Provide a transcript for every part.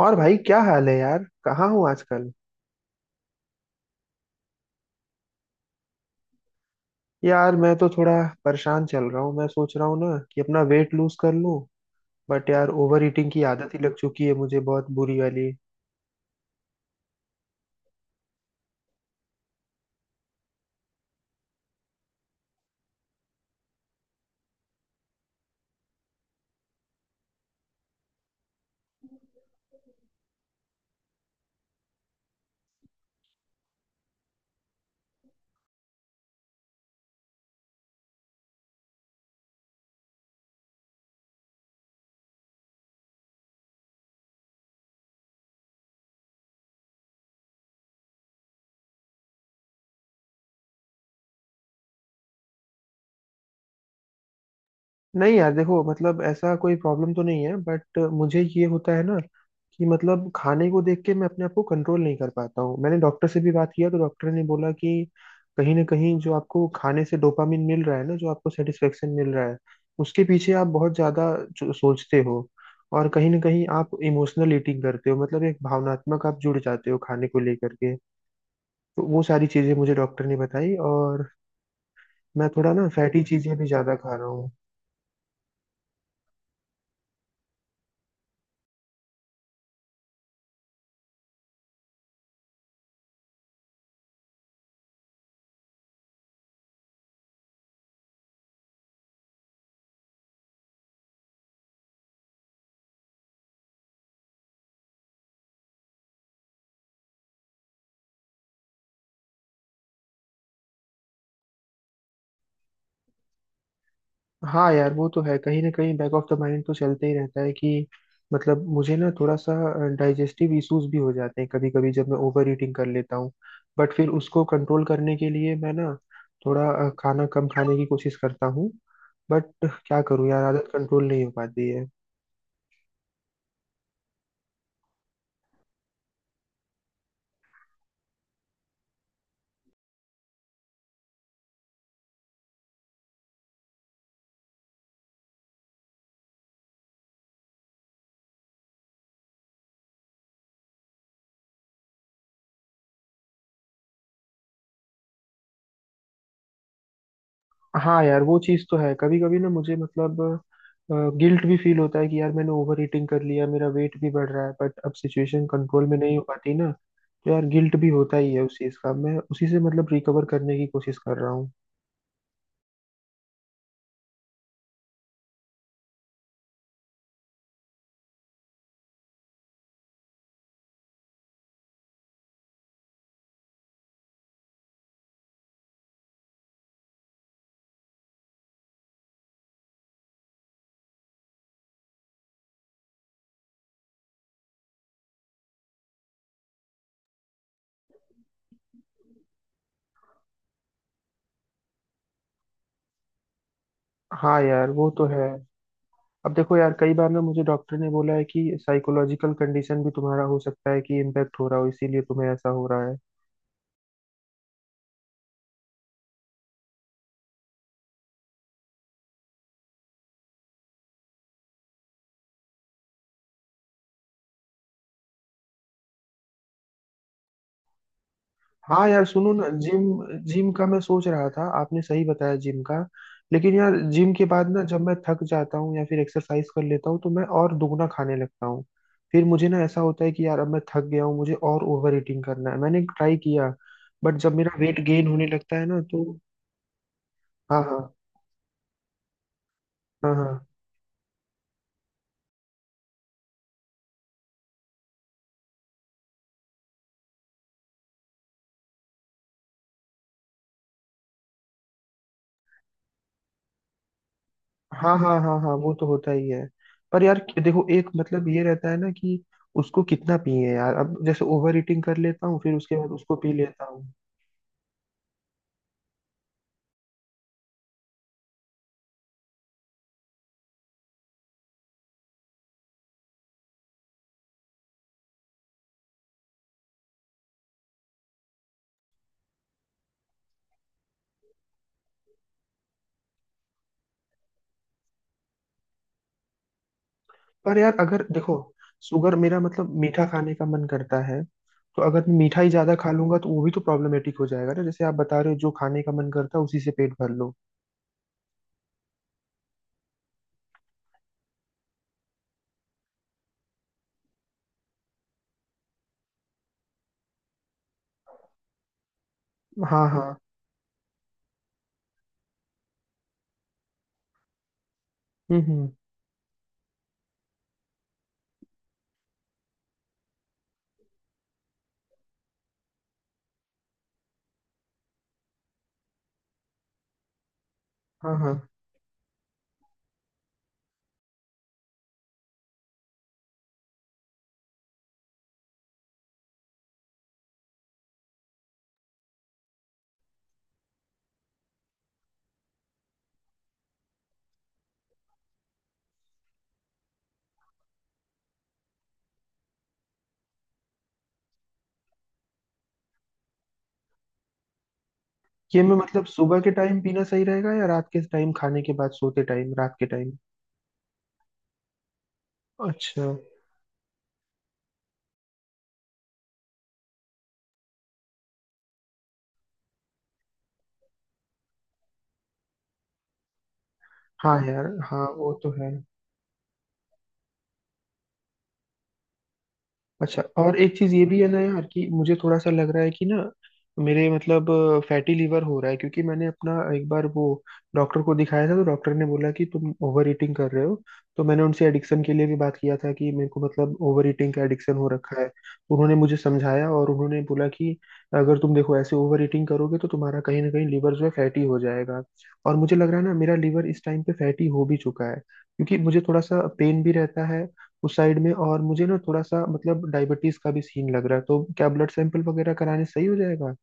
और भाई क्या हाल है यार। कहाँ हूँ आजकल। यार मैं तो थोड़ा परेशान चल रहा हूँ। मैं सोच रहा हूँ ना कि अपना वेट लूज कर लूँ। बट यार ओवर ईटिंग की आदत ही लग चुकी है मुझे, बहुत बुरी वाली। नहीं यार, देखो मतलब ऐसा कोई प्रॉब्लम तो नहीं है, बट मुझे ये होता है ना कि मतलब खाने को देख के मैं अपने आप को कंट्रोल नहीं कर पाता हूँ। मैंने डॉक्टर से भी बात किया तो डॉक्टर ने बोला कि कहीं ना कहीं जो आपको खाने से डोपामिन मिल रहा है ना, जो आपको सेटिस्फेक्शन मिल रहा है, उसके पीछे आप बहुत ज्यादा सोचते हो। और कहीं ना कहीं आप इमोशनल ईटिंग करते हो, मतलब एक भावनात्मक आप जुड़ जाते हो खाने को लेकर के। तो वो सारी चीजें मुझे डॉक्टर ने बताई, और मैं थोड़ा ना फैटी चीजें भी ज्यादा खा रहा हूँ। हाँ यार, वो तो है, कहीं ना कहीं बैक ऑफ द माइंड तो चलते ही रहता है कि मतलब मुझे ना थोड़ा सा डाइजेस्टिव इश्यूज भी हो जाते हैं कभी कभी जब मैं ओवर ईटिंग कर लेता हूँ। बट फिर उसको कंट्रोल करने के लिए मैं ना थोड़ा खाना कम खाने की कोशिश करता हूँ। बट क्या करूँ यार, आदत कंट्रोल नहीं हो पाती है। हाँ यार, वो चीज़ तो है, कभी कभी ना मुझे मतलब गिल्ट भी फील होता है कि यार मैंने ओवर ईटिंग कर लिया, मेरा वेट भी बढ़ रहा है, बट अब सिचुएशन कंट्रोल में नहीं हो पाती ना। तो यार गिल्ट भी होता ही है उस चीज का, मैं उसी से मतलब रिकवर करने की कोशिश कर रहा हूँ। हाँ यार, वो तो है। अब देखो यार, कई बार ना मुझे डॉक्टर ने बोला है कि साइकोलॉजिकल कंडीशन भी तुम्हारा हो सकता है कि इम्पेक्ट हो रहा हो, इसीलिए तुम्हें ऐसा हो रहा है। हाँ यार, सुनो ना, जिम जिम का मैं सोच रहा था, आपने सही बताया, जिम का। लेकिन यार जिम के बाद ना जब मैं थक जाता हूँ या फिर एक्सरसाइज कर लेता हूँ तो मैं और दुगना खाने लगता हूँ। फिर मुझे ना ऐसा होता है कि यार अब मैं थक गया हूँ, मुझे और ओवर ईटिंग करना है, मैंने ट्राई किया। बट जब मेरा वेट गेन होने लगता है ना तो। हाँ, हाँ, हाँ, हाँ, हाँ, हाँ, हाँ, हाँ, वो तो होता ही है। पर यार देखो, एक मतलब ये रहता है ना कि उसको कितना पिए यार, अब जैसे ओवर ईटिंग कर लेता हूँ फिर उसके बाद उसको पी लेता हूँ। पर यार अगर देखो, शुगर मेरा मतलब मीठा खाने का मन करता है। तो अगर मैं मीठा ही ज्यादा खा लूंगा तो वो भी तो प्रॉब्लमेटिक हो जाएगा ना, जैसे आप बता रहे हो जो खाने का मन करता है उसी से पेट भर लो। हाँ, हाँ। हम्म, हम्म। हाँ, हाँ। ये मैं मतलब सुबह के टाइम पीना सही रहेगा या रात के टाइम खाने के बाद, सोते टाइम, रात के टाइम? अच्छा। हाँ यार, हाँ वो तो है। अच्छा, और एक चीज ये भी है ना यार कि मुझे थोड़ा सा लग रहा है कि ना मेरे मतलब फैटी लीवर हो रहा है, क्योंकि मैंने अपना एक बार वो डॉक्टर को दिखाया था तो डॉक्टर ने बोला कि तुम ओवर ईटिंग कर रहे हो। तो मैंने उनसे एडिक्शन के लिए भी बात किया था कि मेरे को मतलब ओवर ईटिंग का एडिक्शन हो रखा है, तो उन्होंने मुझे समझाया और उन्होंने बोला कि अगर तुम देखो ऐसे ओवर ईटिंग करोगे तो तुम्हारा कहीं ना कहीं लीवर जो है फैटी हो जाएगा। और मुझे लग रहा है ना, मेरा लीवर इस टाइम पे फैटी हो भी चुका है, क्योंकि मुझे थोड़ा सा पेन भी रहता है उस साइड में। और मुझे ना थोड़ा सा मतलब डायबिटीज का भी सीन लग रहा है, तो क्या ब्लड सैंपल वगैरह कराने सही हो जाएगा?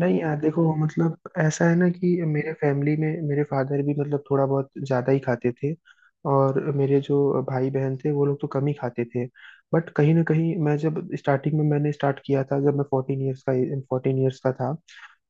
नहीं यार देखो, मतलब ऐसा है ना कि मेरे फैमिली में मेरे फादर भी मतलब थोड़ा बहुत ज़्यादा ही खाते थे। और मेरे जो भाई बहन थे वो लोग तो कम ही खाते थे। बट कहीं ना कहीं मैं जब स्टार्टिंग में मैंने स्टार्ट किया था, जब मैं 14 ईयर्स का था,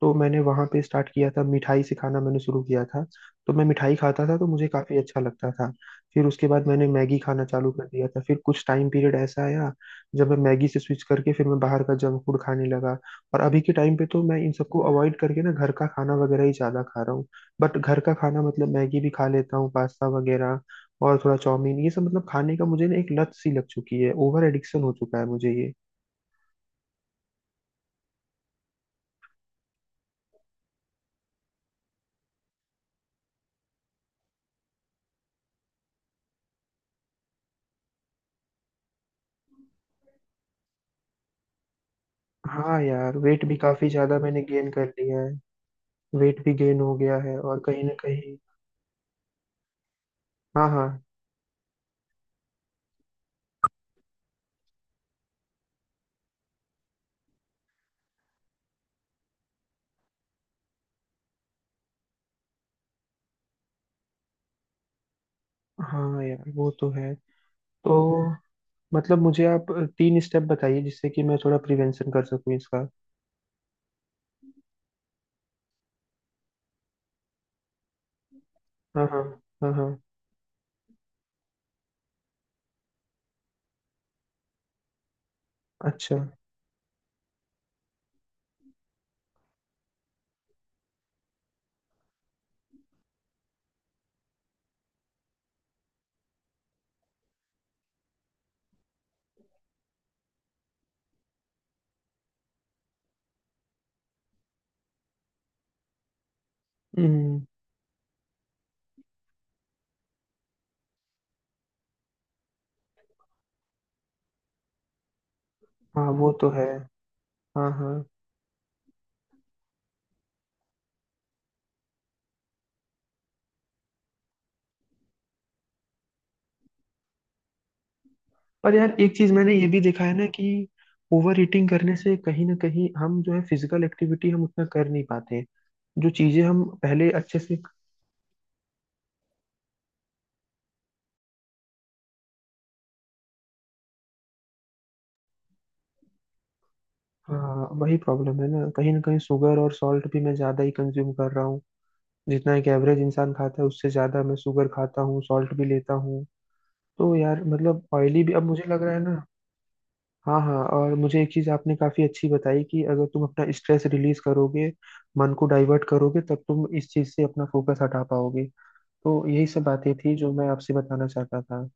तो मैंने वहाँ पे स्टार्ट किया था, मिठाई से खाना मैंने शुरू किया था। तो मैं मिठाई खाता था तो मुझे काफ़ी अच्छा लगता था। फिर उसके बाद मैंने मैगी खाना चालू कर दिया था, फिर कुछ टाइम पीरियड ऐसा आया जब मैं मैगी से स्विच करके फिर मैं बाहर का जंक फूड खाने लगा। और अभी के टाइम पे तो मैं इन सबको अवॉइड करके ना घर का खाना वगैरह ही ज्यादा खा रहा हूँ। बट घर का खाना मतलब मैगी भी खा लेता हूँ, पास्ता वगैरह और थोड़ा चाउमीन, ये सब मतलब खाने का मुझे ना एक लत सी लग चुकी है, ओवर एडिक्शन हो चुका है मुझे ये। हाँ यार, वेट भी काफी ज्यादा मैंने गेन कर लिया है। वेट भी गेन हो गया है, और कहीं ना कहीं। हाँ, हाँ। हाँ यार, वो तो है। तो मतलब मुझे आप तीन स्टेप बताइए, जिससे कि मैं थोड़ा प्रिवेंशन कर सकूं इसका। हाँ, हाँ, हाँ, हाँ। अच्छा। हम्म। हाँ वो तो है। हाँ, हाँ। पर यार एक चीज मैंने ये भी देखा है ना कि ओवर ईटिंग करने से कहीं ना कहीं हम जो है फिजिकल एक्टिविटी हम उतना कर नहीं पाते, जो चीजें हम पहले अच्छे से। हाँ, वही प्रॉब्लम है ना, कहीं ना कहीं शुगर और सॉल्ट भी मैं ज्यादा ही कंज्यूम कर रहा हूँ। जितना एक एवरेज इंसान खाता है उससे ज्यादा मैं शुगर खाता हूँ, सॉल्ट भी लेता हूँ। तो यार मतलब ऑयली भी अब मुझे लग रहा है ना। हाँ, हाँ, और मुझे एक चीज आपने काफी अच्छी बताई कि अगर तुम अपना स्ट्रेस रिलीज करोगे, मन को डाइवर्ट करोगे तब तुम इस चीज से अपना फोकस हटा पाओगे। तो यही सब बातें थी जो मैं आपसे बताना चाहता था।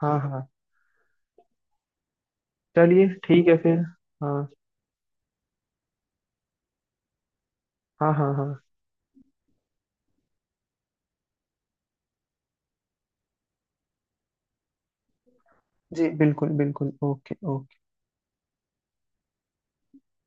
हाँ, हाँ। चलिए ठीक है फिर। हाँ, हाँ, हाँ, हाँ। जी बिल्कुल बिल्कुल, ओके ओके।